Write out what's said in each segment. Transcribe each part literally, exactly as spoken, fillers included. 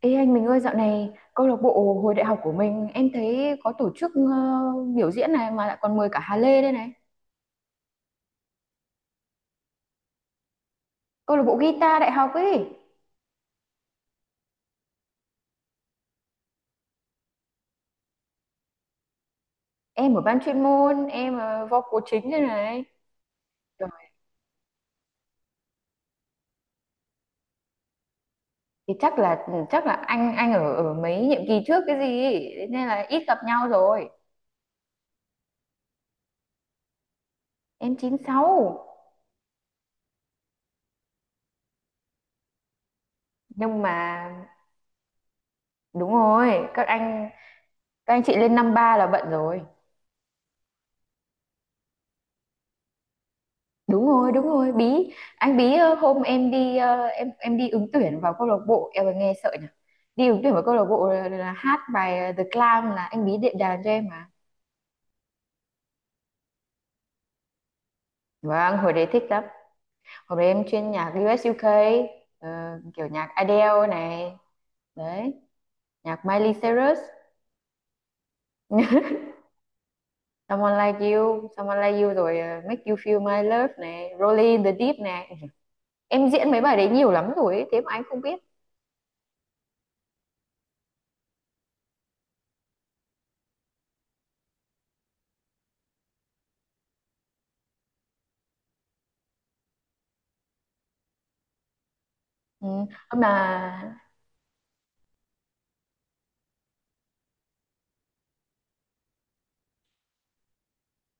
Ê anh mình ơi, dạo này câu lạc bộ hồi đại học của mình em thấy có tổ chức, ờ, biểu diễn này mà lại còn mời cả Hà Lê đây này. Câu lạc bộ guitar đại học ấy. Em ở ban chuyên môn, em, ờ, vocal chính đây này. Trời, thì chắc là ừ, chắc là anh anh ở ở mấy nhiệm kỳ trước cái gì ấy, thế nên là ít gặp nhau rồi. Em chín sáu. Nhưng mà đúng rồi, các anh các anh chị lên năm ba là bận rồi. Đúng rồi, đúng rồi. Bí anh bí, ờ, hôm em đi, ờ, em em đi ứng tuyển vào câu lạc bộ, em còn nghe sợ nhỉ. Đi ứng tuyển vào câu lạc bộ là, là hát bài, ờ, The Clam là anh Bí đệm đàn cho em mà. Vâng, hồi đấy thích lắm. Hồi đấy em chuyên nhạc u US u kây, ờ, kiểu nhạc Adele này. Đấy, nhạc Miley Cyrus. Someone Like You Someone Like You rồi, ờ, Make You Feel My Love này, Rolling in the Deep này, em diễn mấy bài đấy nhiều lắm rồi ấy, thế mà anh không biết. Ừ. Hôm là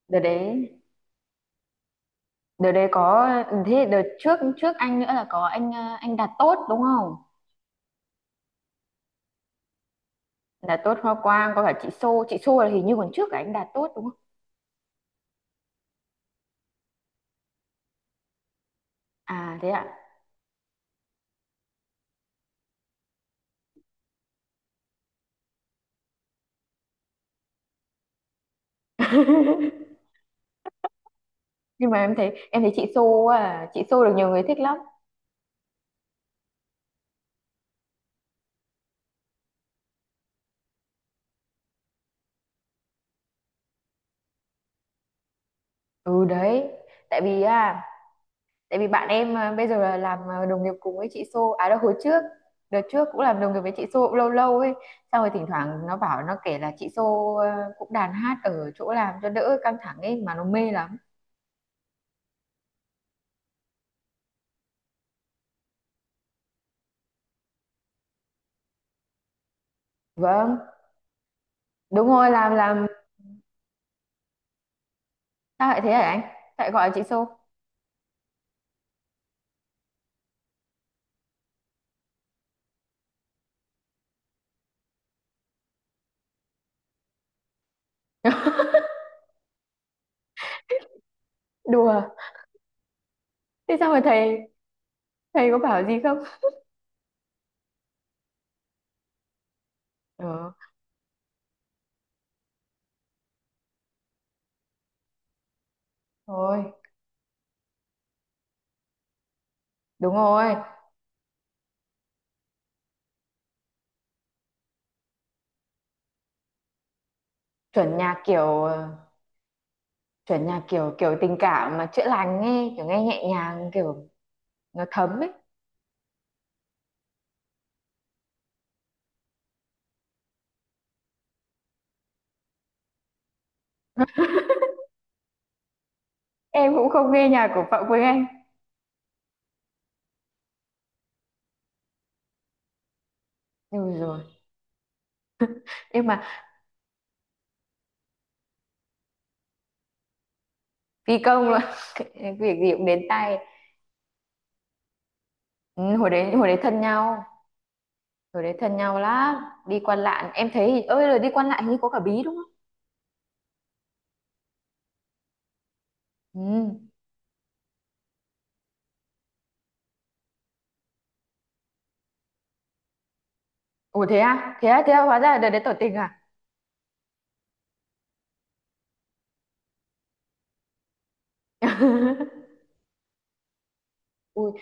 đợt đấy đợt đấy có, thế đợt trước trước anh nữa là có anh, ờ, anh Đạt Tốt đúng không? Đạt Tốt, Hoa Quang, có cả chị Xô chị Xô là hình như còn trước cả anh Đạt Tốt đúng không? À thế ạ? Nhưng mà em thấy em thấy chị Xô à chị Xô được nhiều người thích lắm. Ừ, đấy. Tại vì à tại vì bạn em, à, bây giờ là làm, à, đồng nghiệp cùng với chị Xô, à, đâu hồi trước. Đợt trước cũng làm đồng nghiệp với chị Xô cũng lâu lâu ấy, xong rồi thỉnh thoảng nó bảo, nó kể là chị Xô, à, cũng đàn hát ở chỗ làm cho đỡ căng thẳng ấy mà nó mê lắm. Vâng, đúng rồi, làm làm. Sao lại thế hả anh? Tại gọi là chị Xô. Đùa. Thế sao mà thầy thầy có bảo gì không? Ừ. Thôi, đúng rồi. Chuẩn nhạc kiểu, ờ, chuẩn nhạc kiểu kiểu tình cảm mà chữa lành nghe, kiểu nghe nhẹ nhàng, kiểu nó thấm ấy. Em cũng không nghe nhạc của Phạm Quỳnh Anh. Ừ, rồi. Nhưng mà phi công là cái việc gì cũng đến tay. Ừ, hồi đấy hồi đấy thân nhau, hồi đấy thân nhau lắm. Đi Quan Lạn, em thấy hình- ơi rồi đi Quan Lạn hình như có cả Bí đúng không? Ừ. Ủa thế à? Thế à? Thế à? Hóa ra là đợt đấy tỏ tình à? Ui.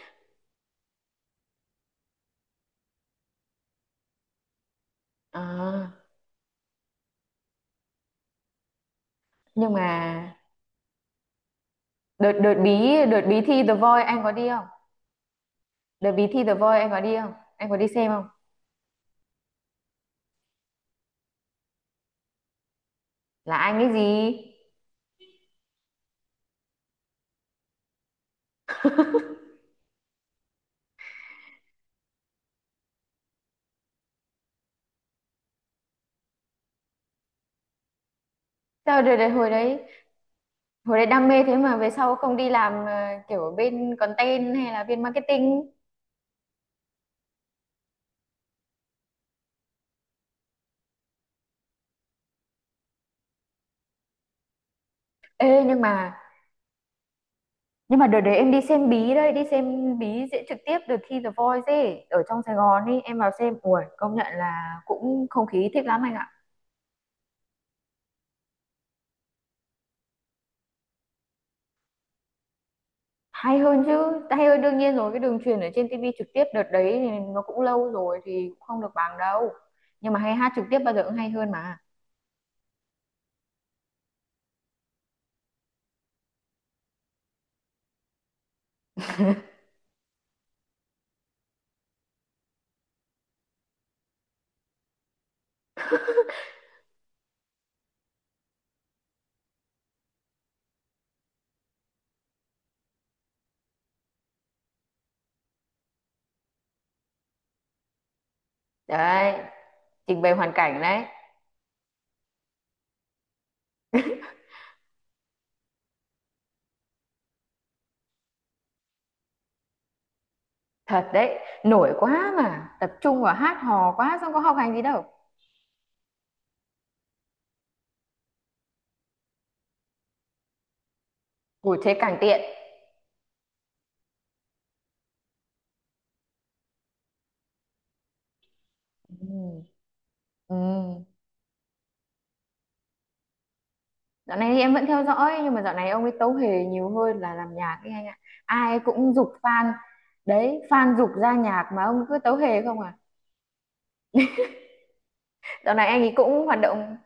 À, nhưng mà đợt đợt bí đợt bí thi The Voice anh có đi không? Đợt bí thi The Voice anh có đi không? Anh có đi xem không? Là anh cái gì? Sao đợt, đợt hồi đấy hồi đấy đam mê thế mà về sau không đi làm, ờ, kiểu ở bên content hay là bên marketing? Ê, nhưng mà nhưng mà đợt đấy em đi xem bí đấy, đi xem bí diễn trực tiếp đợt thi The Voice ấy ở trong Sài Gòn ấy, em vào xem. Ui, công nhận là cũng không khí thích lắm anh ạ. Hay hơn chứ, hay hơn đương nhiên rồi, cái đường truyền ở trên tivi trực tiếp đợt đấy thì nó cũng lâu rồi thì cũng không được bằng đâu, nhưng mà hay hát trực tiếp bao giờ cũng hay hơn mà. Đấy, trình bày hoàn cảnh đấy. Thật đấy. Nổi quá mà tập trung vào hát hò quá, xong có học hành gì đâu. Ủi, thế càng tiện. Ừ. Ừ. Dạo này thì em vẫn theo dõi, nhưng mà dạo này ông ấy tấu hề nhiều hơn là làm nhạc ấy anh ạ. Ai cũng giục fan. Đấy, fan giục ra nhạc mà ông cứ tấu hề không à. Dạo này anh ấy cũng hoạt động.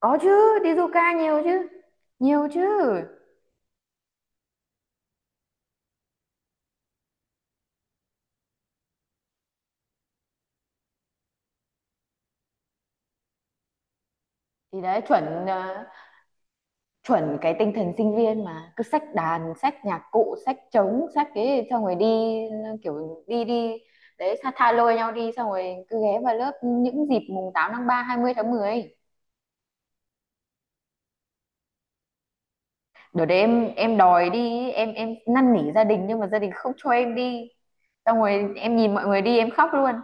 Có chứ, đi du ca nhiều chứ. Nhiều chứ. Thì đấy, chuẩn, ờ, chuẩn cái tinh thần sinh viên mà cứ xách đàn, xách nhạc cụ, xách trống, xách cái xong rồi đi, kiểu đi đi. Đấy, tha tha lôi nhau đi xong rồi cứ ghé vào lớp những dịp mùng tám tháng ba, hai mươi tháng mười ấy. Đợt đấy em em đòi đi, em em năn nỉ gia đình nhưng mà gia đình không cho em đi, xong rồi em nhìn mọi người đi em khóc luôn.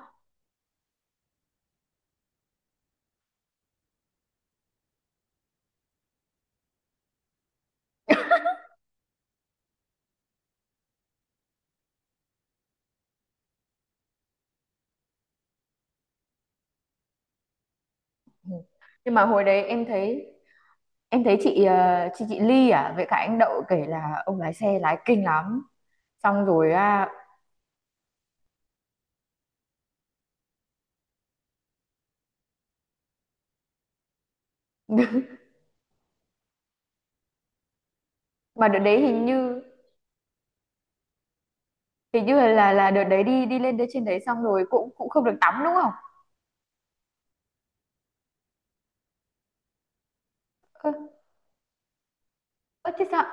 Ừ. Nhưng mà hồi đấy em thấy. Em thấy chị ờ, chị chị Ly à với cả anh Đậu kể là ông lái xe lái kinh lắm. Xong rồi, à. Mà đợt đấy hình như hình như là là đợt đấy đi đi lên tới trên đấy xong rồi cũng cũng không được tắm đúng không? Ơ ơ, thế sao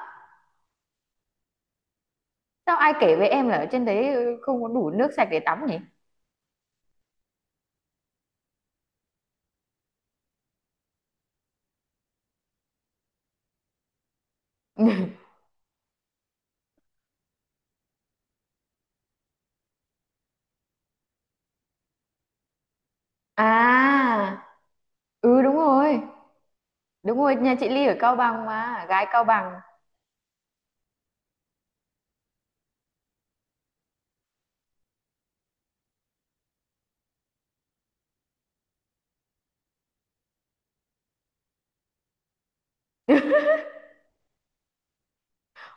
sao ai kể với em là ở trên đấy, ừ, không có đủ nước sạch để tắm nhỉ? À, ừ đúng rồi. Đúng rồi, nhà chị Ly ở Cao Bằng mà, gái Cao Bằng.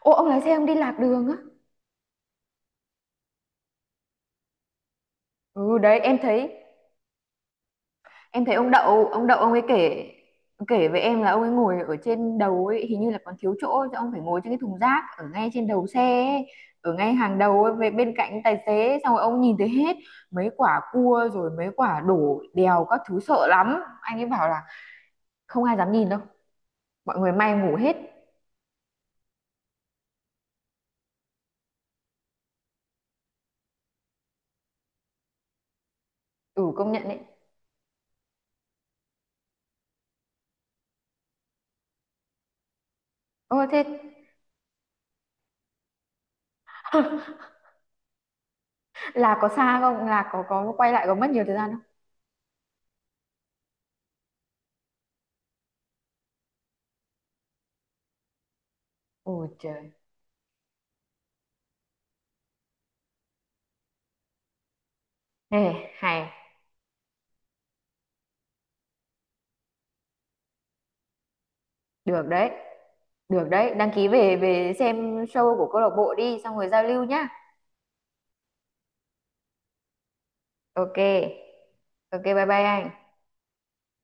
Ô, ông lái xe ông đi lạc đường á. Ừ đấy, em thấy em thấy ông đậu ông đậu ông ấy kể, kể với em là ông ấy ngồi ở trên đầu ấy hình như là còn thiếu chỗ cho ông phải ngồi trên cái thùng rác ở ngay trên đầu xe ấy, ở ngay hàng đầu ấy, về bên cạnh tài xế, xong rồi ông nhìn thấy hết mấy quả cua rồi mấy quả đổ đèo các thứ sợ lắm, anh ấy bảo là không ai dám nhìn đâu, mọi người may ngủ hết. Ừ công nhận đấy. Ơ thế. Là có xa không? Là có có quay lại có mất nhiều thời gian không? Ôi trời. Ê, hay. Được đấy. Được đấy, đăng ký, về về xem show của câu lạc bộ đi xong rồi giao lưu nhá. Ok. Ok bye bye anh.